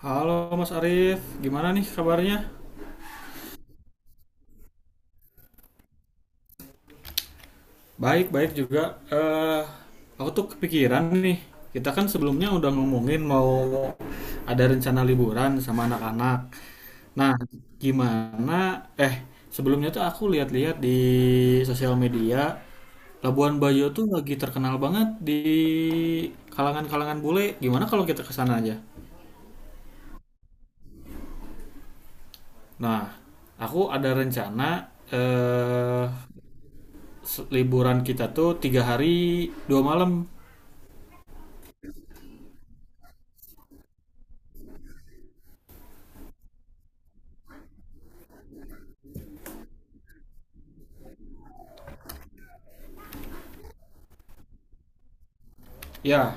Halo Mas Arif, gimana nih kabarnya? Baik, baik juga. Eh, aku tuh kepikiran nih. Kita kan sebelumnya udah ngomongin mau ada rencana liburan sama anak-anak. Nah, gimana? Eh, sebelumnya tuh aku lihat-lihat di sosial media. Labuan Bajo tuh lagi terkenal banget di kalangan-kalangan bule. Gimana kalau kita ke sana aja? Nah, aku ada rencana eh liburan kita tuh 3 hari 2 malam. Ya,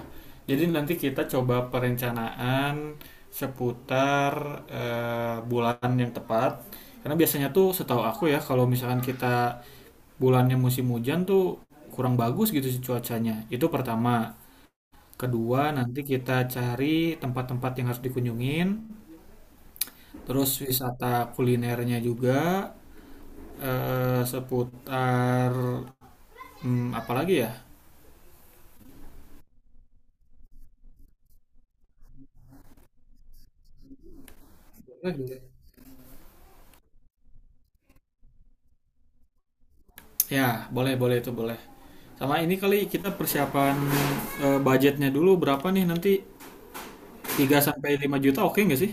jadi nanti kita coba perencanaan seputar bulan yang tepat, karena biasanya tuh setahu aku ya, kalau misalkan kita bulannya musim hujan tuh kurang bagus gitu sih cuacanya, itu pertama. Kedua, nanti kita cari tempat-tempat yang harus dikunjungin, terus wisata kulinernya juga, seputar apalagi ya. Eh, Ya, boleh, boleh itu boleh. Sama ini kali kita persiapan budgetnya dulu berapa nih nanti, 3 sampai 5 juta oke nggak sih?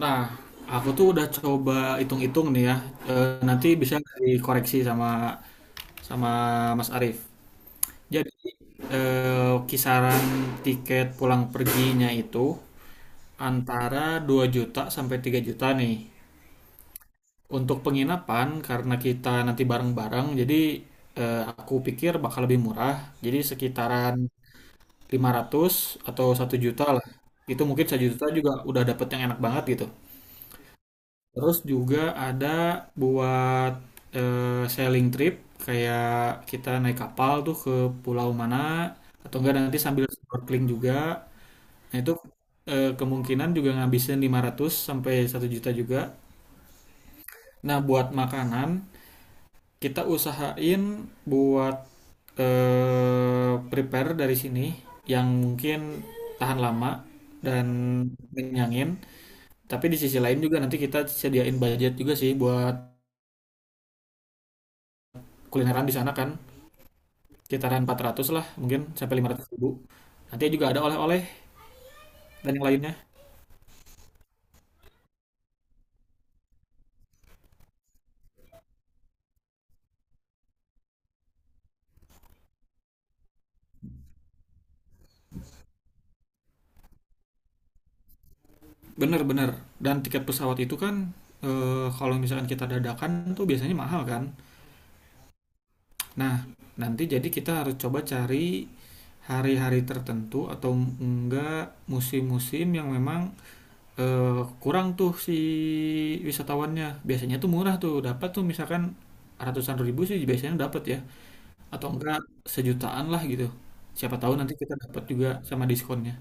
Nah, aku tuh udah coba hitung-hitung nih ya. Nanti bisa dikoreksi sama sama Mas Arif. Jadi kisaran tiket pulang perginya itu antara 2 juta sampai 3 juta nih. Untuk penginapan, karena kita nanti bareng-bareng jadi aku pikir bakal lebih murah. Jadi sekitaran 500 atau 1 juta lah. Itu mungkin 1 juta juga udah dapet yang enak banget gitu. Terus juga ada buat sailing trip, kayak kita naik kapal tuh ke pulau mana, atau enggak nanti sambil snorkeling juga. Nah, itu kemungkinan juga ngabisin 500 sampai 1 juta juga. Nah, buat makanan kita usahain buat prepare dari sini yang mungkin tahan lama dan kenyangin. Tapi di sisi lain juga nanti kita sediain budget juga sih buat kulineran di sana kan. Sekitaran 400 lah mungkin sampai 500 ribu. Nanti juga ada oleh-oleh dan yang lainnya. Bener-bener. Dan tiket pesawat itu kan kalau misalkan kita dadakan tuh biasanya mahal kan. Nah, nanti jadi kita harus coba cari hari-hari tertentu, atau enggak musim-musim yang memang eh kurang tuh si wisatawannya. Biasanya tuh murah tuh, dapat tuh misalkan ratusan ribu sih biasanya dapat ya, atau enggak sejutaan lah gitu. Siapa tahu nanti kita dapat juga sama diskonnya.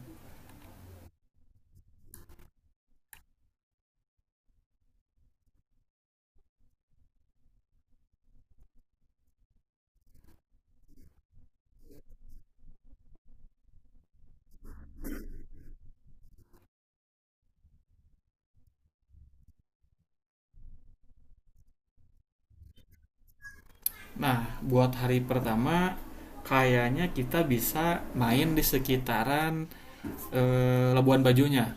Nah, buat hari pertama kayaknya kita bisa main di sekitaran Labuan Bajonya.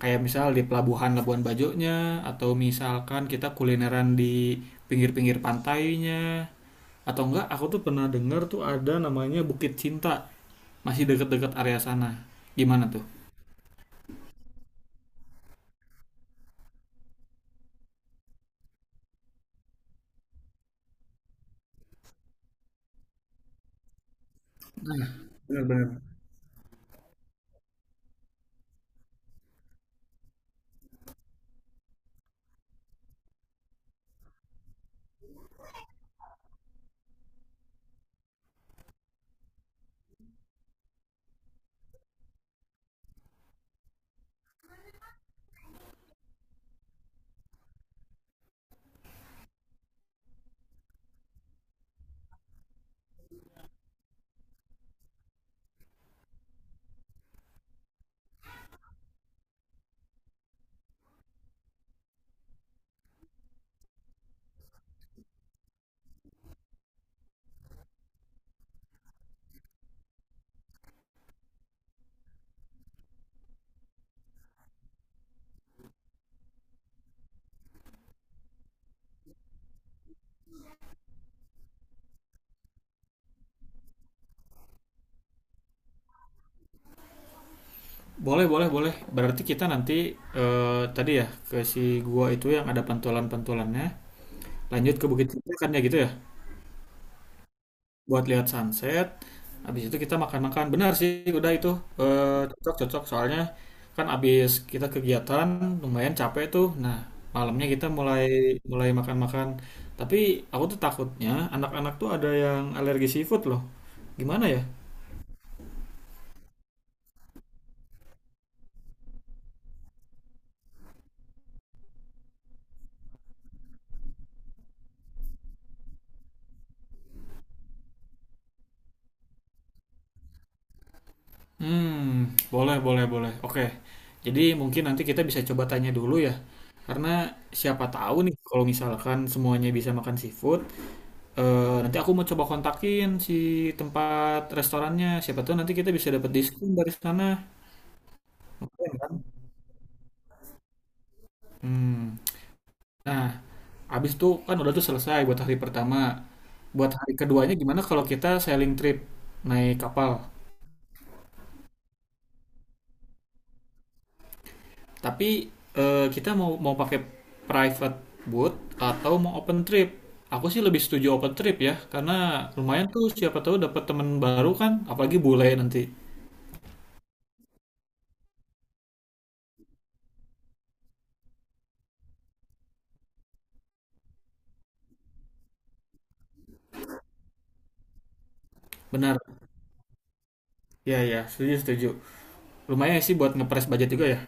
Kayak misal di pelabuhan Labuan Bajonya, atau misalkan kita kulineran di pinggir-pinggir pantainya, atau enggak aku tuh pernah dengar tuh ada namanya Bukit Cinta, masih deket-deket area sana. Gimana tuh? Benar-benar. Boleh, boleh, boleh. Berarti kita nanti eh, tadi ya ke si gua itu yang ada pantulan-pantulannya. Lanjut ke Bukit Tinggi kan ya gitu ya. Buat lihat sunset. Habis itu kita makan-makan. Benar sih, udah itu Eh, cocok-cocok. Soalnya kan habis kita kegiatan lumayan capek tuh. Nah, malamnya kita mulai mulai makan-makan. Tapi aku tuh takutnya anak-anak tuh ada yang alergi seafood loh. Gimana ya? Hmm, boleh, boleh, boleh. Oke. Jadi mungkin nanti kita bisa coba tanya dulu ya. Karena siapa tahu nih kalau misalkan semuanya bisa makan seafood, nanti aku mau coba kontakin si tempat restorannya. Siapa tahu nanti kita bisa dapat diskon dari sana. Oke kan? Hmm. Nah, abis itu kan udah tuh selesai buat hari pertama. Buat hari keduanya gimana kalau kita sailing trip naik kapal? Tapi kita mau mau pakai private boat atau mau open trip? Aku sih lebih setuju open trip ya, karena lumayan tuh siapa tahu dapat teman baru kan, apalagi bule nanti. Benar. Ya, ya, setuju, setuju. Lumayan sih buat ngepres budget juga ya.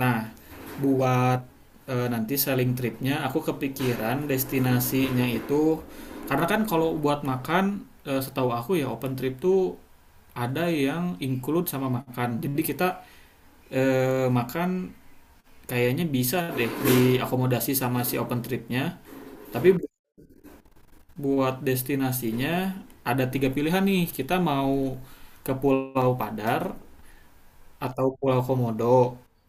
Nah, buat nanti selling tripnya, aku kepikiran destinasinya itu, karena kan kalau buat makan, setahu aku ya open trip tuh ada yang include sama makan. Jadi kita eh, makan kayaknya bisa deh diakomodasi sama si open tripnya. Tapi buat destinasinya ada tiga pilihan nih. Kita mau ke Pulau Padar atau Pulau Komodo.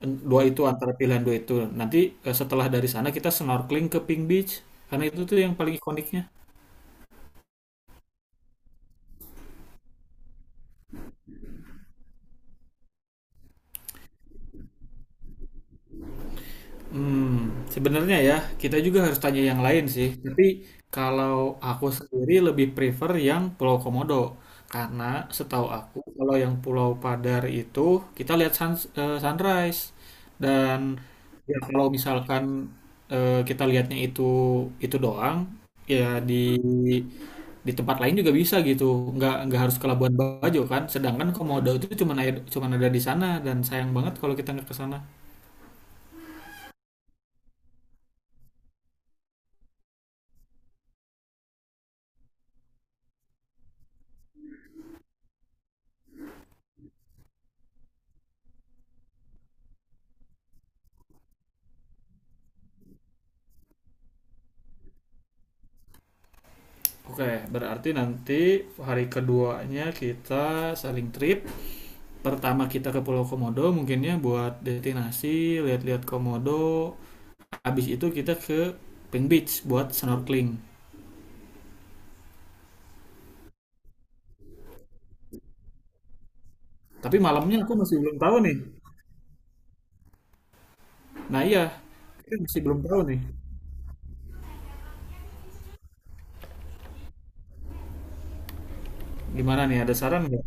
Dua itu, antara pilihan dua itu. Nanti setelah dari sana kita snorkeling ke Pink Beach, karena itu tuh yang paling ikoniknya. Hmm sebenarnya ya, kita juga harus tanya yang lain sih, tapi kalau aku sendiri lebih prefer yang Pulau Komodo. Karena setahu aku kalau yang Pulau Padar itu kita lihat sunrise dan ya kalau misalkan, kita lihatnya itu doang, ya di tempat lain juga bisa gitu, nggak harus ke Labuan Bajo kan, sedangkan Komodo itu cuma ada di sana, dan sayang banget kalau kita nggak ke sana. Oke, berarti nanti hari keduanya kita saling trip. Pertama kita ke Pulau Komodo, mungkinnya buat destinasi, lihat-lihat Komodo. Habis itu kita ke Pink Beach buat snorkeling. Tapi malamnya aku masih belum tahu nih. Nah iya, kita masih belum tahu nih. Gimana nih, ada saran nggak?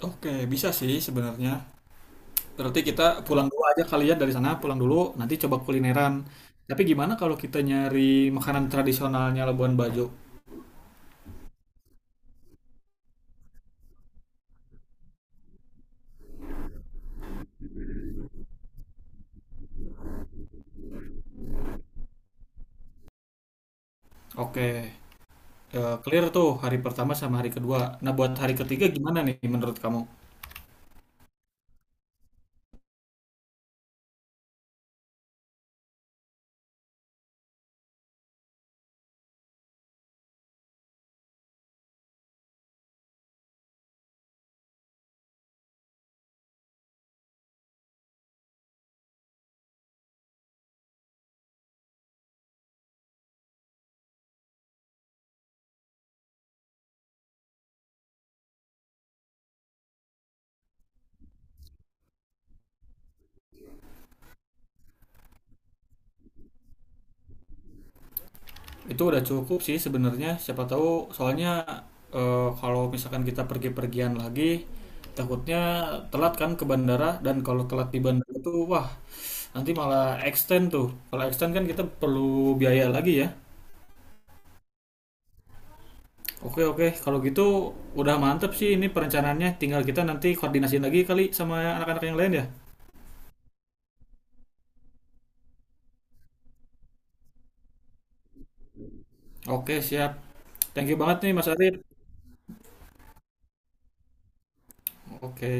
Oke, bisa sih sebenarnya. Berarti kita pulang dulu aja kali ya dari sana, pulang dulu, nanti coba kulineran. Tapi gimana kalau kita nyari makanan tradisionalnya Labuan Bajo? Oke, clear tuh hari pertama sama hari kedua. Nah, buat hari ketiga gimana nih menurut kamu? Itu udah cukup sih sebenarnya. Siapa tahu soalnya kalau misalkan kita pergi-pergian lagi, takutnya telat kan ke bandara, dan kalau telat di bandara tuh wah nanti malah extend tuh. Kalau extend kan kita perlu biaya lagi ya. Oke, oke, kalau gitu udah mantep sih ini perencanaannya. Tinggal kita nanti koordinasi lagi kali sama anak-anak yang lain ya. Oke, siap. Thank you banget nih Mas Arif. Oke.